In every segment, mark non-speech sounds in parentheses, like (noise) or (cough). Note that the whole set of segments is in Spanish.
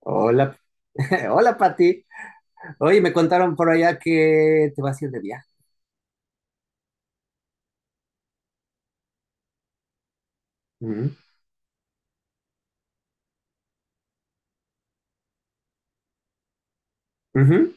Hola, (laughs) hola Pati. Oye, me contaron por allá que te vas a ir de viaje. Ujú, ujú.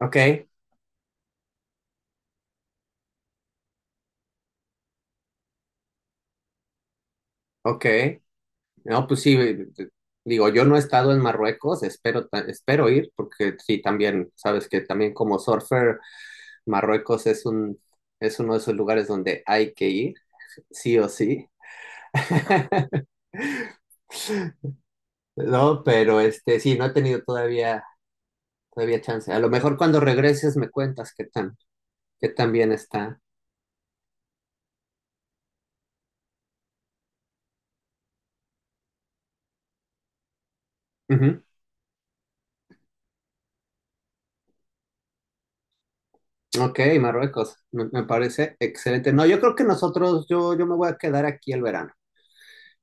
Ok, ok. No, pues sí, digo, yo no he estado en Marruecos, espero, espero ir, porque sí, también, sabes que también como surfer. Marruecos es es uno de esos lugares donde hay que ir, sí o sí. (laughs) No, pero este, sí, no he tenido todavía, chance. A lo mejor cuando regreses me cuentas qué tan, bien está. Ok, Marruecos, me parece excelente. No, yo creo que nosotros, yo me voy a quedar aquí el verano.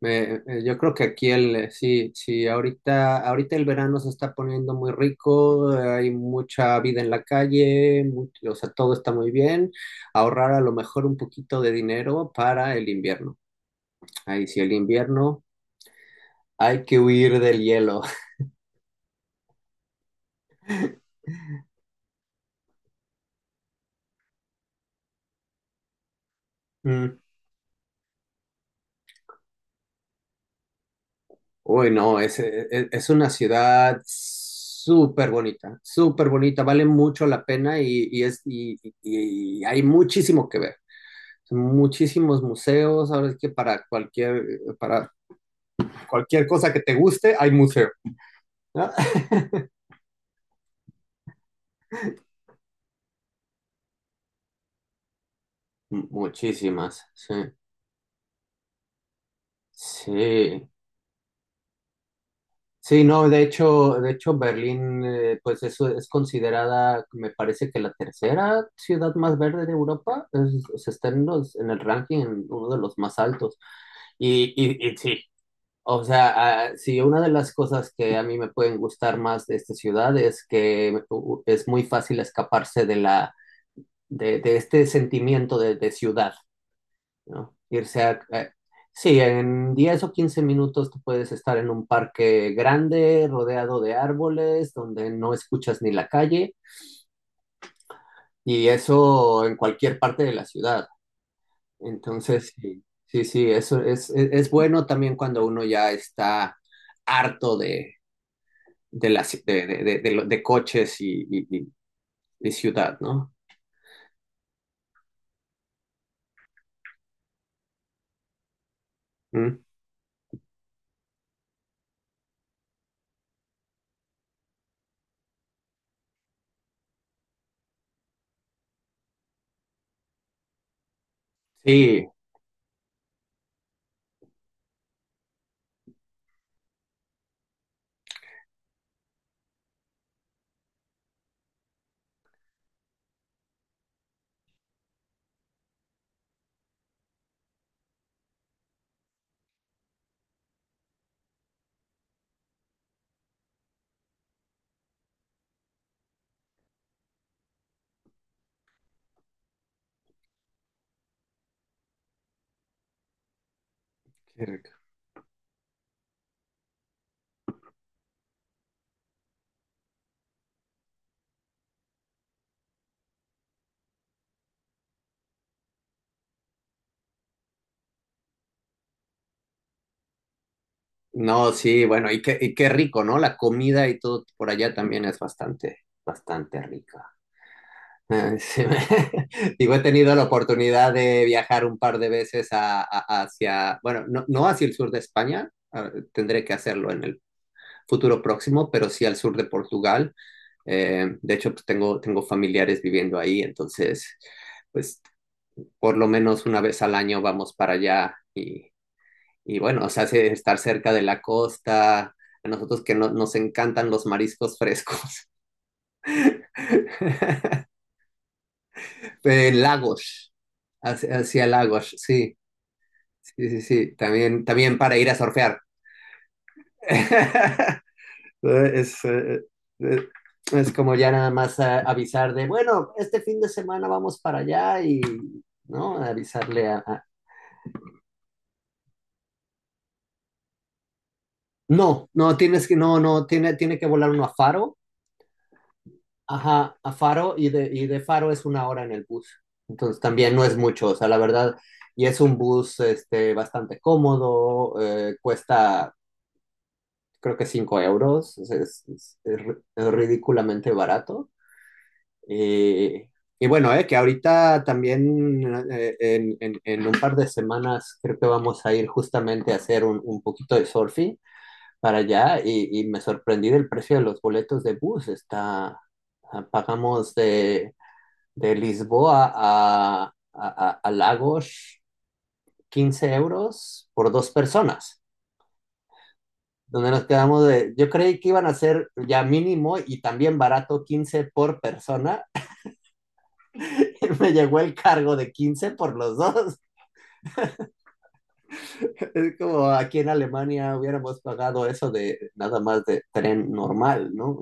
Yo creo que aquí sí, sí, ahorita el verano se está poniendo muy rico, hay mucha vida en la calle, o sea, todo está muy bien. Ahorrar a lo mejor un poquito de dinero para el invierno. Ahí sí, el invierno hay que huir del hielo. (laughs) Uy, no, es una ciudad súper bonita, vale mucho la pena y hay muchísimo que ver. Muchísimos museos, ahora es que para cualquier, para cosa que te guste, hay museo, ¿no? (laughs) Muchísimas, sí. Sí. Sí, no, de hecho, Berlín, pues eso es considerada, me parece que la tercera ciudad más verde de Europa, se está en en el ranking, en uno de los más altos. Y sí, o sea, ah, sí, una de las cosas que a mí me pueden gustar más de esta ciudad es que es muy fácil escaparse de este sentimiento de ciudad. ¿No? Sí, en 10 o 15 minutos tú puedes estar en un parque grande, rodeado de árboles, donde no escuchas ni la calle, y eso en cualquier parte de la ciudad. Entonces, sí, sí, sí, eso es bueno también cuando uno ya está harto de coches y ciudad, ¿no? Mm. Sí. No, sí, bueno, y qué, rico, ¿no? La comida y todo por allá también es bastante, rica. Ah, sí, (laughs) digo, he tenido la oportunidad de viajar un par de veces hacia, bueno, no, no hacia el sur de España, tendré que hacerlo en el futuro próximo, pero sí al sur de Portugal. De hecho, pues tengo, familiares viviendo ahí. Entonces, pues por lo menos una vez al año vamos para allá y bueno, o sea, hace estar cerca de la costa, a nosotros que no, nos encantan los mariscos frescos. (laughs) Lagos, hacia, lagos, sí, sí, sí, sí, también, para ir a surfear. (laughs) Es, eh, eh, es como ya nada más avisar de, bueno, este fin de semana vamos para allá y, ¿no? Avisarle. No, no, no, no, tiene, que volar uno a Faro. Ajá, a Faro y de, Faro es una hora en el bus. Entonces también no es mucho, o sea, la verdad, y es un bus este, bastante cómodo, cuesta creo que 5 euros, es ridículamente barato. Eh, y bueno, que ahorita también en, en un par de semanas creo que vamos a ir justamente a hacer un, poquito de surfing para allá y me sorprendí del precio de los boletos de bus, está, ah, pagamos de... De Lisboa Lagos, 15 € por dos personas. Donde nos quedamos yo creí que iban a ser ya mínimo y también barato 15 por persona. (laughs) Y me llegó el cargo de 15 por los dos. Es como aquí en Alemania hubiéramos pagado eso de nada más de tren normal, ¿no?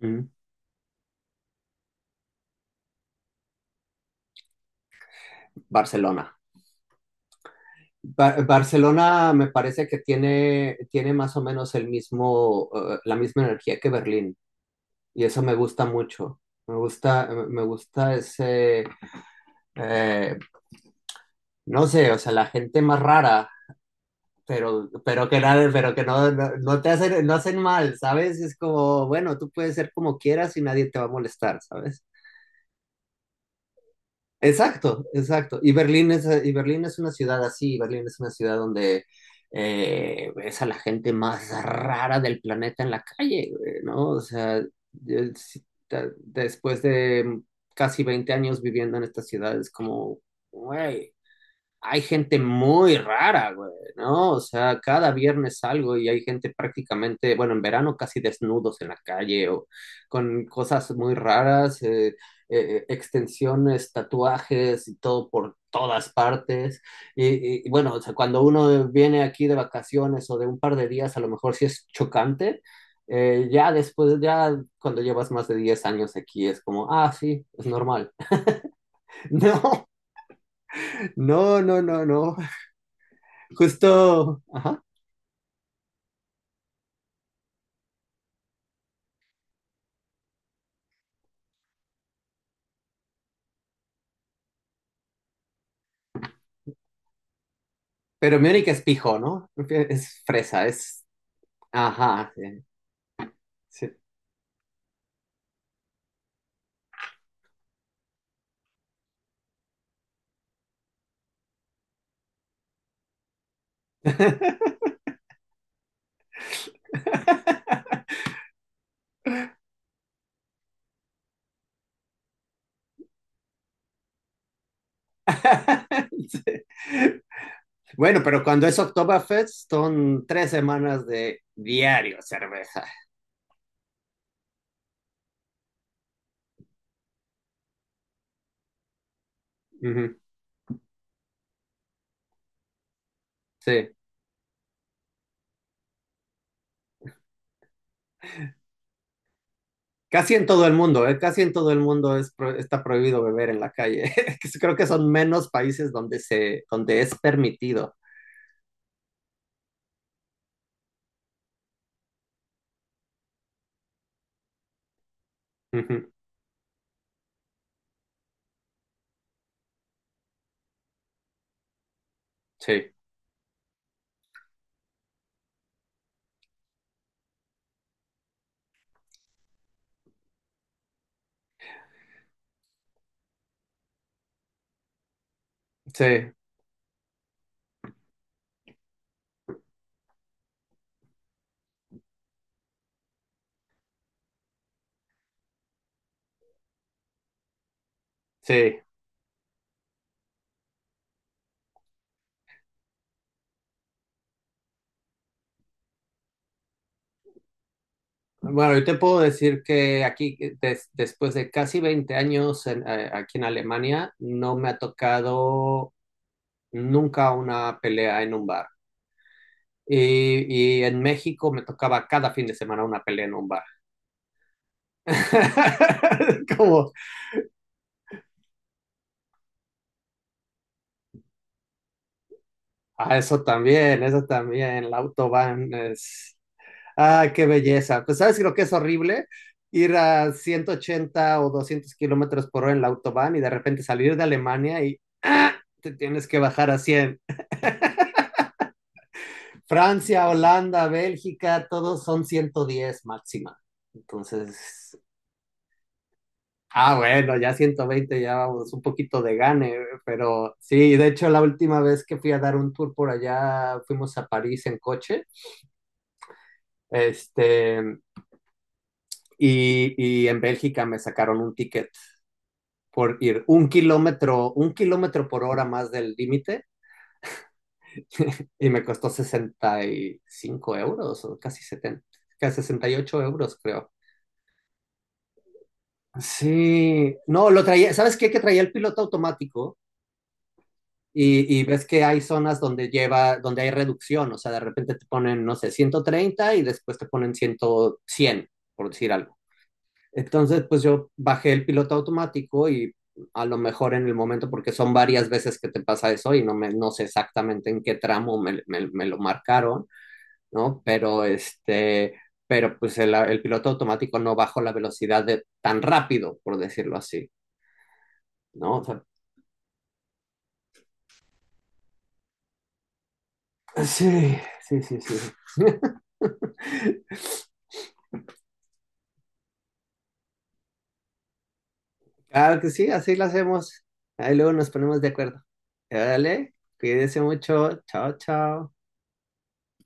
Mm. Barcelona. Barcelona me parece que tiene, más o menos la misma energía que Berlín, y eso me gusta mucho. Me gusta, ese, eh, no sé, o sea, la gente más rara, pero, que nada, pero que no, no, no te hacen, no hacen mal, ¿sabes? Es como, bueno, tú puedes ser como quieras y nadie te va a molestar, ¿sabes? Exacto, exacto. Y Berlín es una ciudad así, Berlín es una ciudad donde ves a la gente más rara del planeta en la calle, güey, ¿no? O sea, yo sí, después de casi 20 años viviendo en esta ciudad, es como, güey, hay gente muy rara, güey, ¿no? O sea, cada viernes salgo y hay gente prácticamente, bueno, en verano casi desnudos en la calle o con cosas muy raras, extensiones, tatuajes y todo por todas partes. Y bueno, o sea, cuando uno viene aquí de vacaciones o de un par de días, a lo mejor sí es chocante. Ya después, ya cuando llevas más de 10 años aquí, es como, ah, sí, es normal. (laughs) No, no, no, no, no. Justo, ajá. Pero mi es pijo, ¿no? Es fresa, es. Ajá, sí, sí. (laughs) Sí. Bueno, pero cuando es Oktoberfest son 3 semanas de diario cerveza. Ujú, sí. Casi en todo el mundo, ¿eh? Casi en todo el mundo está prohibido beber en la calle. (laughs) Creo que son menos países donde es permitido. Ujú. Sí, sí, sí. Bueno, yo te puedo decir que aquí, después de casi 20 años aquí en Alemania, no me ha tocado nunca una pelea en un bar. Y en México me tocaba cada fin de semana una pelea en un bar. (laughs) Como, ah, eso también, la autobahn es. Ah, qué belleza. Pues sabes lo que es horrible ir a 180 o 200 km/h en la autobahn y de repente salir de Alemania y te tienes que bajar a 100. Francia, Holanda, Bélgica, todos son 110 máxima. Entonces, bueno, ya 120 ya vamos un poquito de gane, pero sí, de hecho la última vez que fui a dar un tour por allá, fuimos a París en coche, este, y, y en Bélgica me sacaron un ticket por ir un kilómetro, por hora más del límite y me costó 65 € o casi 70, casi 68 € creo. Sí, no, lo traía, ¿sabes qué? Que traía el piloto automático y ves que hay zonas donde hay reducción, o sea, de repente te ponen, no sé, 130 y después te ponen 100, 100, por decir algo. Entonces, pues yo bajé el piloto automático y a lo mejor en el momento, porque son varias veces que te pasa eso y no, no sé exactamente en qué tramo me lo marcaron, ¿no? Pero pues el piloto automático no bajó la velocidad tan rápido, por decirlo así. ¿No? O sea. Sí, sí, sí, sí. (laughs) Claro que sí, así lo hacemos. Ahí luego nos ponemos de acuerdo. Dale, cuídense mucho. Chao, chao.